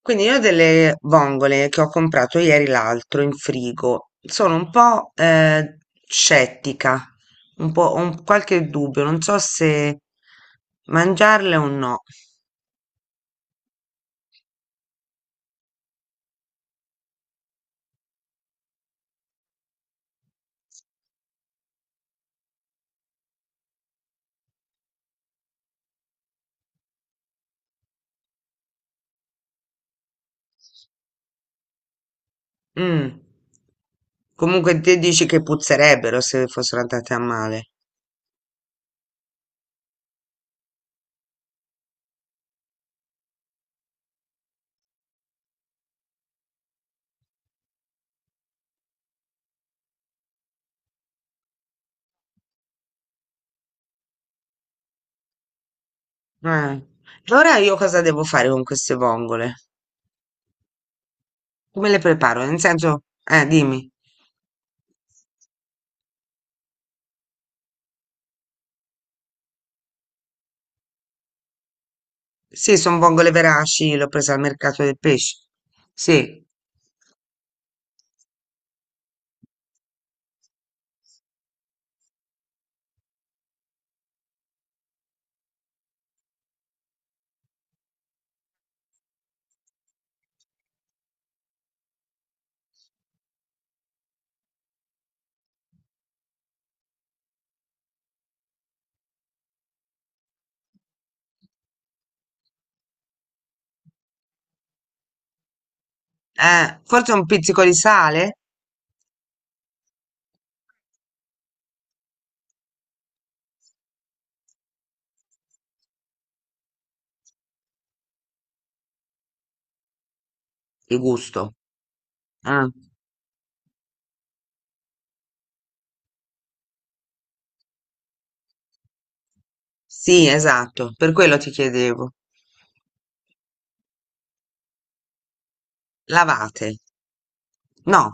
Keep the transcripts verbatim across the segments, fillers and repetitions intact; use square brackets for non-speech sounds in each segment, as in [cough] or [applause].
Quindi io ho delle vongole che ho comprato ieri l'altro in frigo, sono un po' eh, scettica, un po', ho un- qualche dubbio, non so se mangiarle o no. Mm. Comunque te dici che puzzerebbero se fossero andate a male. Eh. Allora io cosa devo fare con queste vongole? Come le preparo? Nel senso, eh, dimmi. Sì, sono vongole veraci, l'ho presa al mercato del pesce. Sì. Eh, forse un pizzico di sale? Il gusto. Ah, sì, esatto, per quello ti chiedevo. Lavate. No,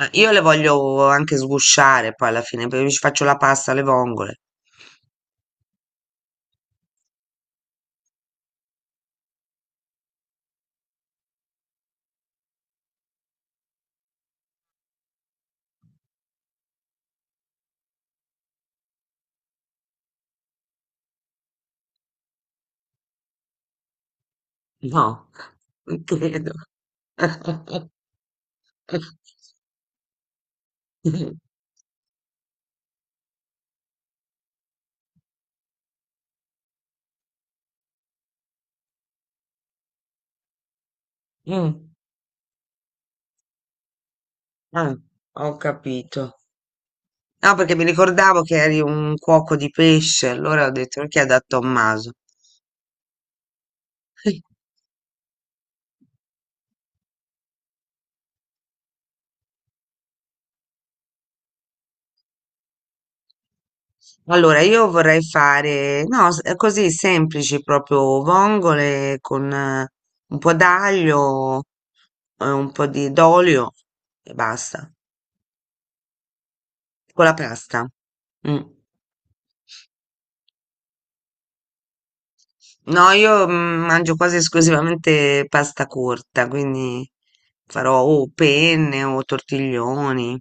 eh, io le voglio anche sgusciare poi alla fine, perché ci faccio la pasta alle vongole. No, non credo. [laughs] Mm, ah, ho capito. No, perché mi ricordavo che eri un cuoco di pesce, allora ho detto lo chiedo a Tommaso. [laughs] Allora, io vorrei fare, no, s- eh, così semplici, proprio vongole con eh, un po' d'aglio, eh, un po' di d'olio e basta, con la pasta. Mm. No, io mm, mangio quasi esclusivamente pasta corta, quindi farò o penne o tortiglioni,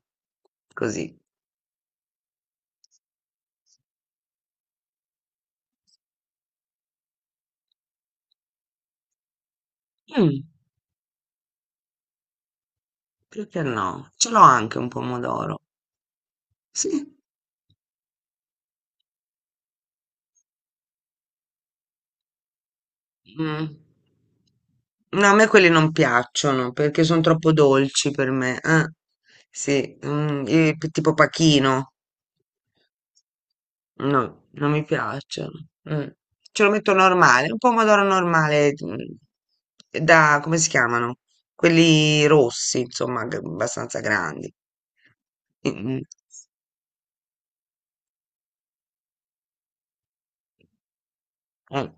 così. Mm, perché no? Ce l'ho anche un pomodoro. Sì. Mm. No, a me quelli non piacciono perché sono troppo dolci per me. eh. Sì, mm, i- tipo pachino. No, non mi piacciono. Mm. Ce lo metto normale, un pomodoro normale, mm, da, come si chiamano? Quelli rossi, insomma, g- abbastanza grandi. Mm, mm. Eh,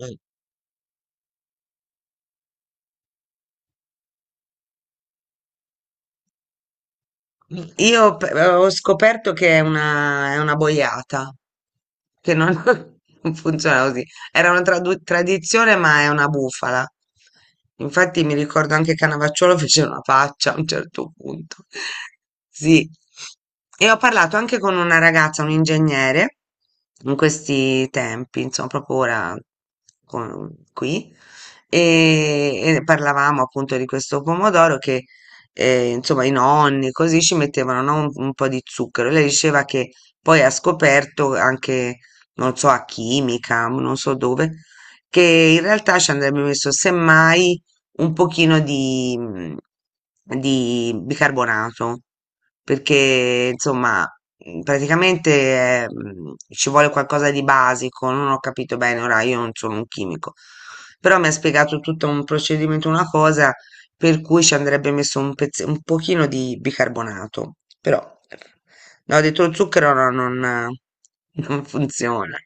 eh. Io pe- ho scoperto che è una, è una boiata, che non, [laughs] non funziona così. Era una tradu- tradizione, ma è una bufala. Infatti mi ricordo anche Canavacciolo fece una faccia a un certo punto. [laughs] Sì. E ho parlato anche con una ragazza, un ingegnere, in questi tempi, insomma, proprio ora con- qui, e e parlavamo appunto di questo pomodoro che eh, insomma i nonni, così ci mettevano, no, un, un po' di zucchero. Lei diceva che poi ha scoperto anche, non so, a chimica, non so dove, che in realtà ci andrebbe messo semmai un pochino di, mm, di bicarbonato, perché insomma mm, praticamente eh, mm, ci vuole qualcosa di basico, non ho capito bene, ora io non sono un chimico, però mi ha spiegato tutto un procedimento, una cosa per cui ci andrebbe messo un pezz- un pochino di bicarbonato, però no, dentro lo zucchero no, non, non funziona.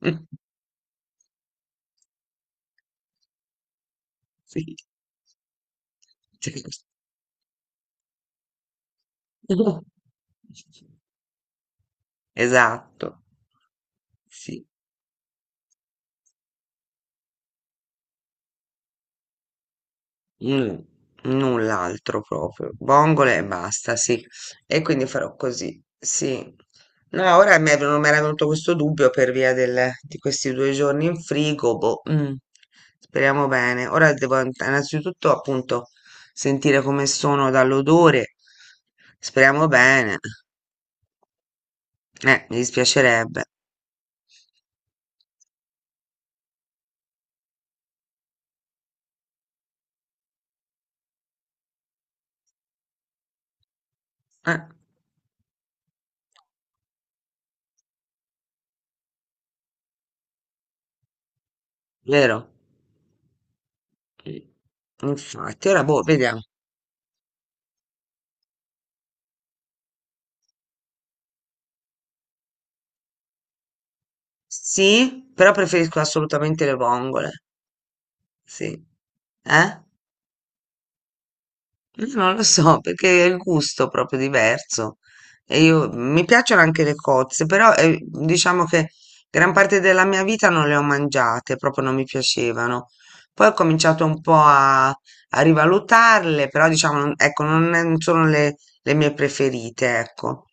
[laughs] Sì, certo. [laughs] Esatto, sì. Mm, null'altro proprio, vongole e basta, sì. E quindi farò così, sì. No, ora mi è venu- mi era venuto questo dubbio per via del- di questi due giorni in frigo, boh, mm, speriamo bene. Ora devo an- innanzitutto appunto sentire come sono dall'odore, speriamo bene. Eh, mi dispiacerebbe. Eh, vero? Mm. Infatti, ora boh, vediamo. Sì, però preferisco assolutamente le vongole. Sì. Eh? Non lo so, perché è il gusto proprio diverso. E io mi piacciono anche le cozze, però eh, diciamo che gran parte della mia vita non le ho mangiate, proprio non mi piacevano. Poi ho cominciato un po' a, a rivalutarle, però diciamo, non- ecco, non, è- non sono le, le mie preferite, ecco.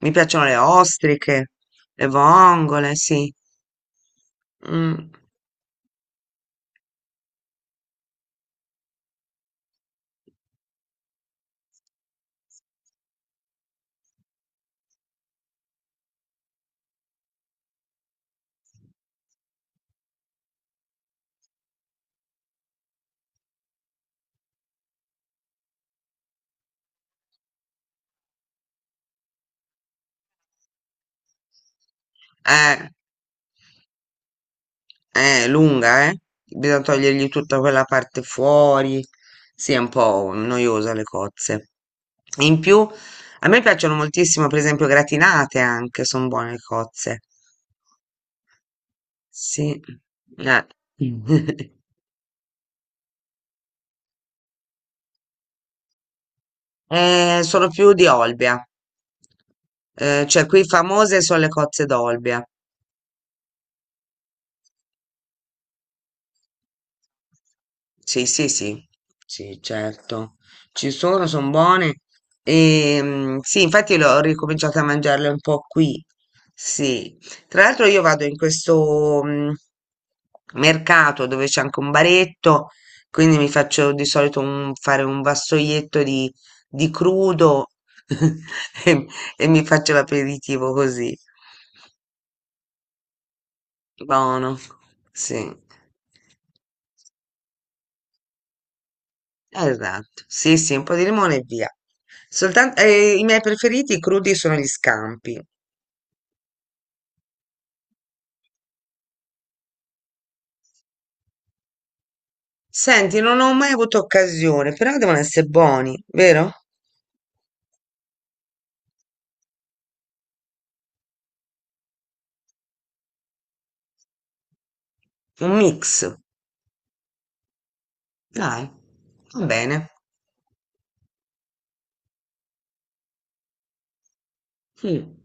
Mi piacciono le ostriche, le vongole, sì. Mm. Eh, eh, lunga, eh? Bisogna togliergli tutta quella parte fuori. Sì, è un po' noiosa le cozze. In più, a me piacciono moltissimo, per esempio, gratinate anche, sono buone le cozze. Sì. Eh. [laughs] Eh, sono più di Olbia. Eh, cioè, qui famose sono le cozze d'Olbia. Sì, sì, sì, sì, certo. Ci sono, sono buone. Ehm, sì, infatti l'ho ricominciato a mangiarle un po' qui. Sì. Tra l'altro io vado in questo mh, mercato dove c'è anche un baretto, quindi mi faccio di solito un- fare un vassoietto di, di crudo [laughs] e, e mi faccio l'aperitivo così. Buono. Sì. Esatto, sì, sì, un po' di limone e via. Soltan- eh, I miei preferiti crudi sono gli scampi. Senti, non ho mai avuto occasione, però devono essere buoni, vero? Un mix. Dai, va bene. Mm.